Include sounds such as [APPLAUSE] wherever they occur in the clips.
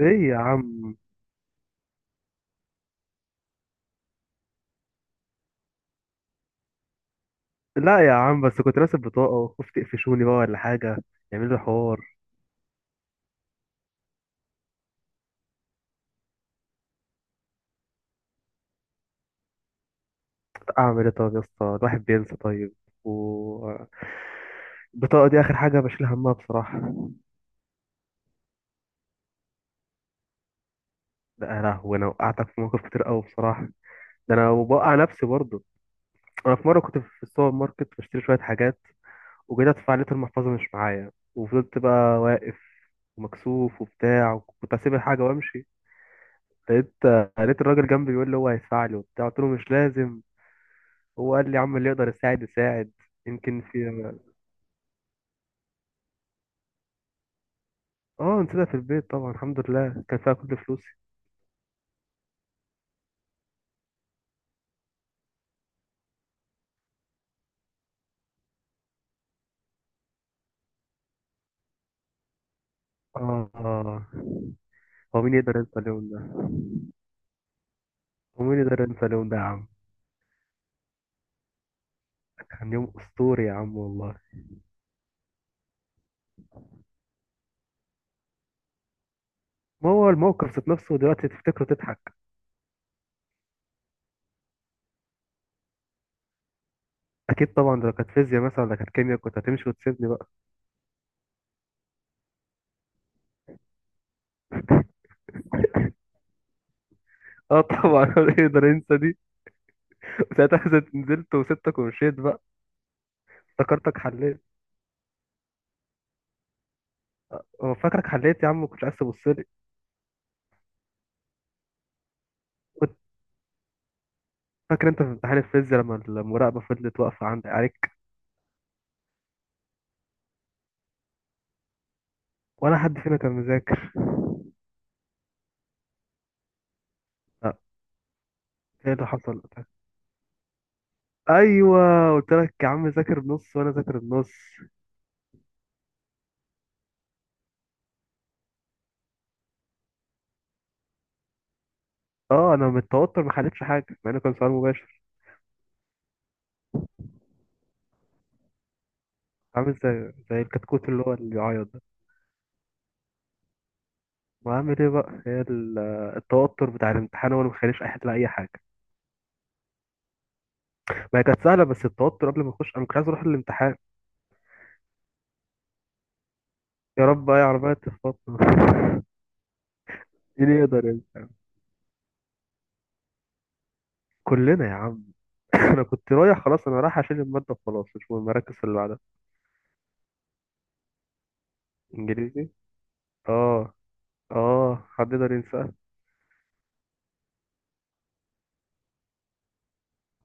ايه يا عم. لا يا عم، بس كنت راسب بطاقة وخفت يقفشوني بقى ولا حاجة يعملوا لي حوار. اعمل ايه طب يا اسطى؟ الواحد بينسى طيب. و البطاقة دي آخر حاجة بشيل همها بصراحة. لا يا لهوي، أنا وقعتك في مواقف كتير أوي بصراحة. ده أنا وبوقع نفسي برضه. أنا في مرة كنت في السوبر ماركت بشتري شوية حاجات، وجيت أدفع لقيت المحفظة مش معايا وفضلت بقى واقف ومكسوف وبتاع، وكنت هسيب الحاجة وأمشي. لقيت لقيت الراجل جنبي بيقول لي هو هيدفع لي وبتاع، قلت له مش لازم. هو قال لي يا عم اللي يقدر يساعد يساعد. يمكن في. اه، نسيبها في البيت طبعا، الحمد لله كان فيها كل فلوسي. اه، آه. هو مين يقدر ينسى اليوم ده؟ هو مين يقدر ينسى اليوم ده يا عم؟ كان يوم اسطوري يا عم والله. ما هو الموقف ذات نفسه دلوقتي تفتكره تضحك. اكيد طبعا، ده لو كانت فيزياء مثلا ولا كانت كيمياء كنت هتمشي وتسيبني بقى. اه طبعا [LAUGHS] هو يقدر ينسى دي؟ ساعتها نزلت وسبتك ومشيت بقى. افتكرتك حليت. اه فاكرك حليت يا عم، ما كنتش عايز تبص لي. كنت فاكر انت في امتحان الفيزياء لما المراقبه فضلت واقفه عندك عليك؟ ولا حد فينا كان مذاكر. لا. ايه اللي حصل وقتها؟ ايوه. قلت لك يا عم، ذاكر بنص وانا ذاكر بنص. اه، انا من التوتر ما حلتش حاجه مع انه كان سؤال مباشر. عامل زي الكتكوت اللي هو اللي بيعيط ده. وعامل ايه بقى؟ التوتر بتاع الامتحان هو اللي مخلينيش احل اي حاجه. ما هي كانت سهله، بس التوتر قبل ما اخش انا كنت عايز اروح الامتحان. يا رب اي عربيه تخبطنا [LAUGHS] مين يقدر يعني. كلنا يا عم. [LAUGHS] انا كنت رايح خلاص، انا رايح اشيل الماده وخلاص مش مهم، مركز في اللي بعدها. انجليزي. اه. اه، حد يقدر ينسى؟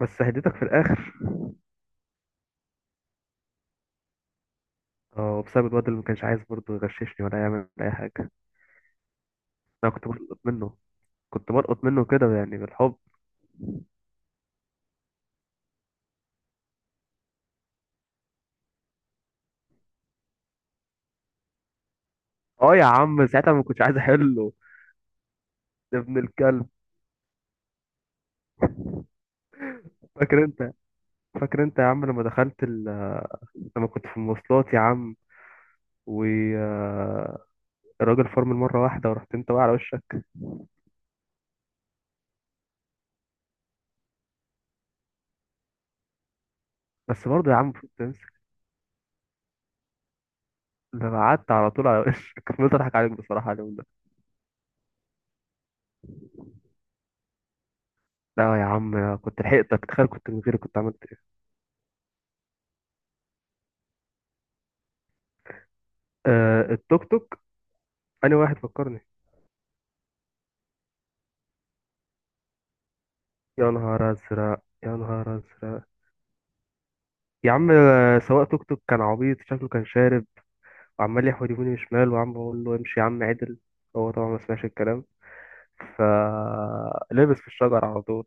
بس هديتك في الاخر. اه، بسبب الواد اللي ما كانش عايز برضه يغششني ولا يعمل اي حاجه. انا كنت بلقط منه. كنت بلقط منه كده، يعني بالحب. اه يا عم، ساعتها ما كنتش عايز احله. يا ابن الكلب. فاكر انت فاكر انت يا عم لما كنت في المواصلات يا عم، والراجل فرمل مره واحده ورحت انت واقع على وشك. بس برضه يا عم، كنت تمسك. ده أنا قعدت على طول على وشك [LAUGHS] فضلت اضحك عليك بصراحه اليوم ده. لا يا عم كنت لحقتك، تخيل كنت من غيري كنت عملت ايه. آه، التوك توك. انا واحد فكرني. يا نهار ازرق، يا نهار ازرق. يا عم سواق توك توك كان عبيط، شكله كان شارب، وعمال يحود يمين وشمال، وعم بقول له امشي يا عم عدل. هو طبعا ما سمعش الكلام، فلبس في الشجر على طول.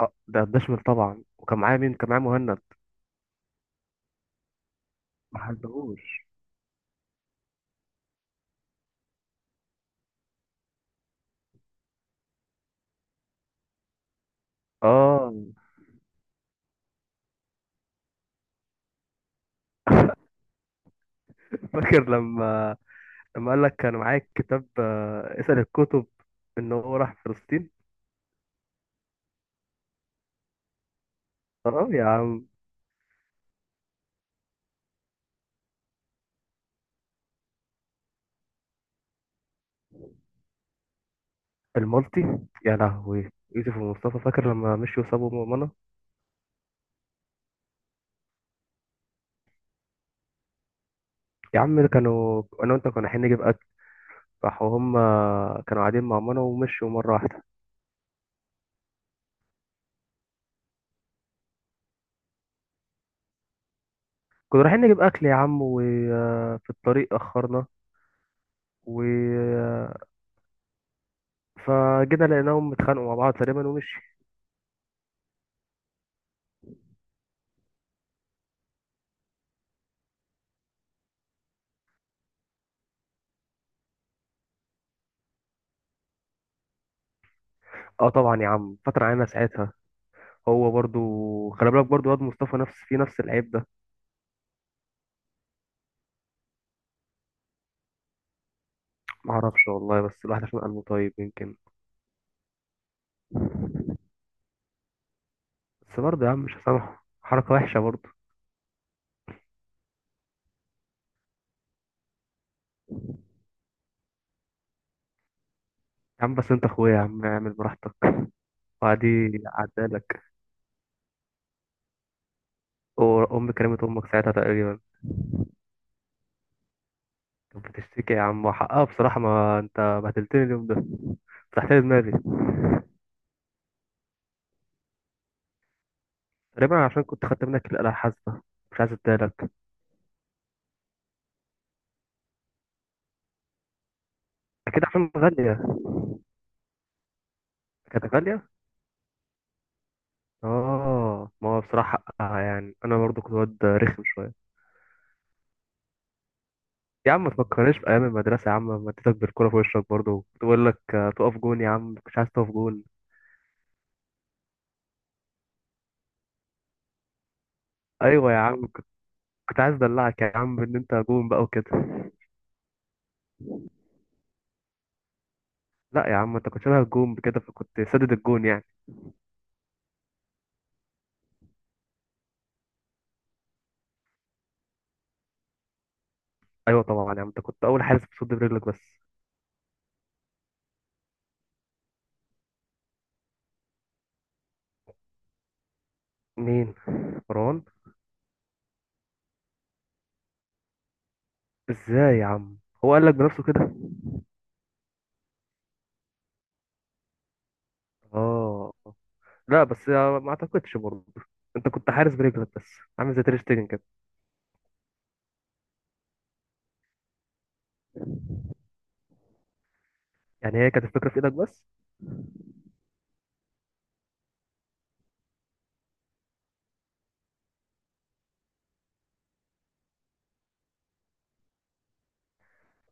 اه، ده الدشمل طبعا، وكان معايا مين؟ كان معايا مهند. ما حلهوش. اه فاكر لما قال لك كان معايا كتاب اسأل الكتب، ان هو راح فلسطين. اه يا عم. المالتي. يا لهوي. يوسف ومصطفى، فاكر لما مشيوا وسابوا منى. يا عم كانوا، انا وانت كنا رايحين نجيب اكل، راحوا هم. كانوا قاعدين مع ماما ومشوا مره واحده. كنا رايحين نجيب اكل يا عم، وفي الطريق اخرنا، و فجينا لقيناهم اتخانقوا مع بعض تقريبا ومشي. اه طبعا يا عم، فتره علينا ساعتها. هو برضو. خلي بالك برضو، واد مصطفى في نفس العيب ده. معرفش والله، بس الواحد عشان قلبه طيب يمكن. بس برضه يا عم مش هسامحه، حركه وحشه برضه. يا عم بس انت اخويا يا عم، اعمل براحتك وعادي. عدالك. وأمي كلمت أمك ساعتها تقريبا. كانت بتشتكي يا عم، وحقها بصراحة، ما أنت بهدلتني اليوم ده، فتحت لي دماغي. تقريبا عشان كنت خدت منك الآلة الحاسبة، مش عايز اديهالك. أكيد عشان غالية. كانت غالية؟ آه، ما هو بصراحة حقها، يعني أنا برضو كنت واد رخم شوية. يا عم ما تفكرنيش في أيام المدرسة يا عم، لما اديتك بالكورة في وشك برضو، تقول لك تقف جون، يا عم مش عايز تقف جون. أيوة يا عم، كنت عايز أدلعك يا عم إن أنت جون بقى وكده. لا يا عم، أنت كنت شبه الجون كده، فكنت سدد الجون يعني. ايوه طبعا يا عم، انت كنت اول حارس بتصد برجلك بس. مين؟ مروان. ازاي يا عم؟ هو قال لك بنفسه كده؟ اه. لا بس ما اعتقدش برضه، انت كنت حارس برجلك بس، عامل زي تير شتيجن كده. يعني هي كانت الفكره في ايدك بس.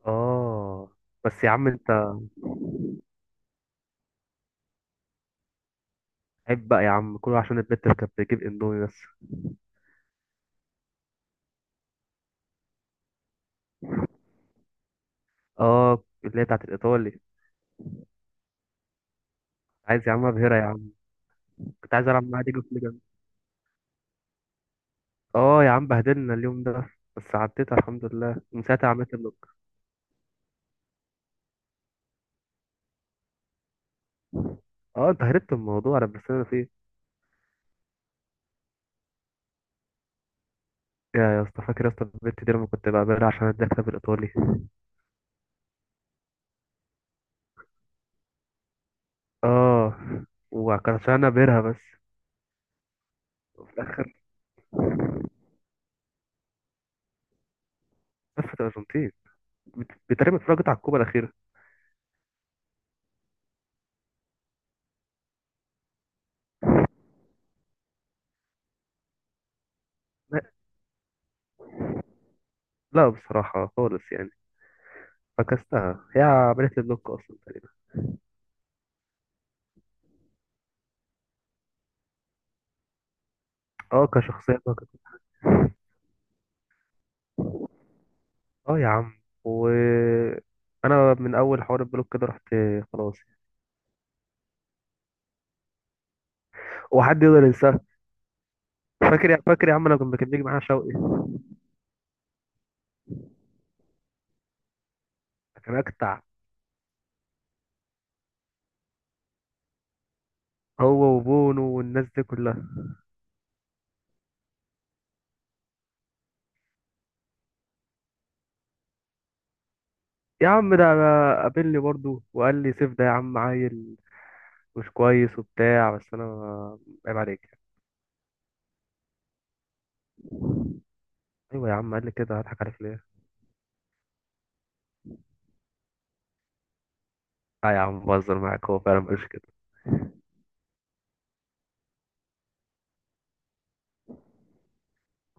اه بس يا عم انت. عيب بقى يا عم، كله عشان البت اللي كانت بتجيب اندومي بس. اه، اللي هي بتاعت الايطالي. عايز يا عم ابهرها يا عم. كنت عايز العب معاها ديجو فليجن. اه يا عم بهدلنا اليوم ده. بس عديتها الحمد لله، من ساعتها عملت بلوك. اه انت هربت من الموضوع، انا بس انا فيه. يا اسطى، فاكر يا اسطى البت دي لما كنت بعملها عشان اديها بالايطالي. اه، وكان عشان انا بيرها بس. وفي الاخر لفت الارجنتين. بتقريبا اتفرجت على الكوبا الاخيره. لا، لا بصراحه خالص يعني. فكستها، هي عملت لي بلوك اصلا تقريبا. اه، كشخصيه بقى كده. اه يا عم، انا من اول حوار البلوك ده رحت. خلاص. هو حد يقدر ينساه؟ فاكر يا عم لما كان بيجي معانا شوقي. كان اكتع. هو وبونو والناس دي كلها. يا عم ده، أنا قابلني برضو وقال لي سيف ده يا عم عيل مش كويس وبتاع، بس انا عيب عليك يعني. ايوه يا عم قال لي كده، هضحك عليك ليه؟ اه يا عم بهزر معاك، هو فعلا مش كده.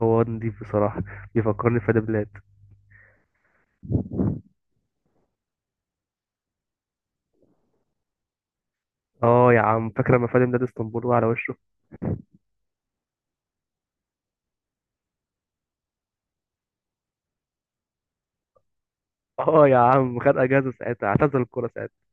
هو نضيف بصراحه، بيفكرني بفادي بلاد. اه يا عم، فاكر لما فادي بلاد اسطنبول وقع على وشه؟ [LAUGHS] اه يا عم، خد اجازه ساعتها، اعتزل الكوره ساعتها.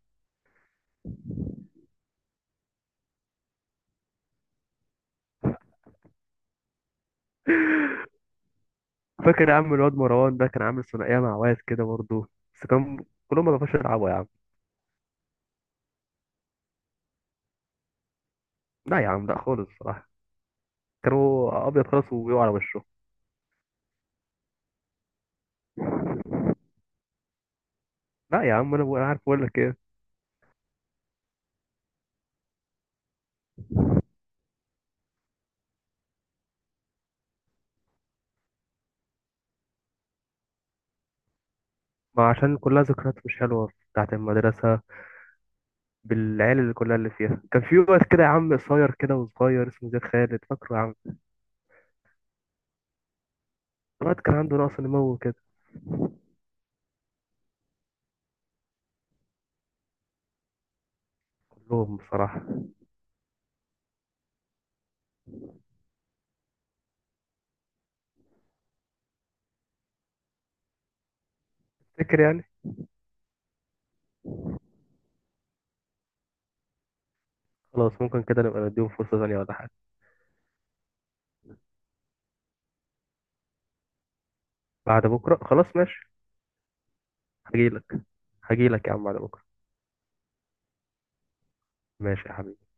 فاكر يا عم الواد مروان ده كان عامل ثنائيه مع واد كده برضو، بس كان كلهم ما بيعرفوش يلعبوا يا عم. لا يا عم لا خالص بصراحه، كانوا ابيض خالص وبيقعوا على وشه. لا يا عم انا أنا عارف اقول لك ايه. ما عشان كلها ذكريات مش حلوة بتاعت المدرسة، بالعيال اللي كلها اللي فيها، كان في واد كده يا عم قصير كده وصغير اسمه زياد خالد، فاكره يا عم؟ الواد كان عنده نقص نمو كده. كلهم بصراحة. فاكر يعني. خلاص ممكن كده نبقى نديهم فرصة ثانية ولا حاجة. بعد بكرة خلاص ماشي. هجيلك هجيلك يا عم بعد بكرة. ماشي يا حبيبي.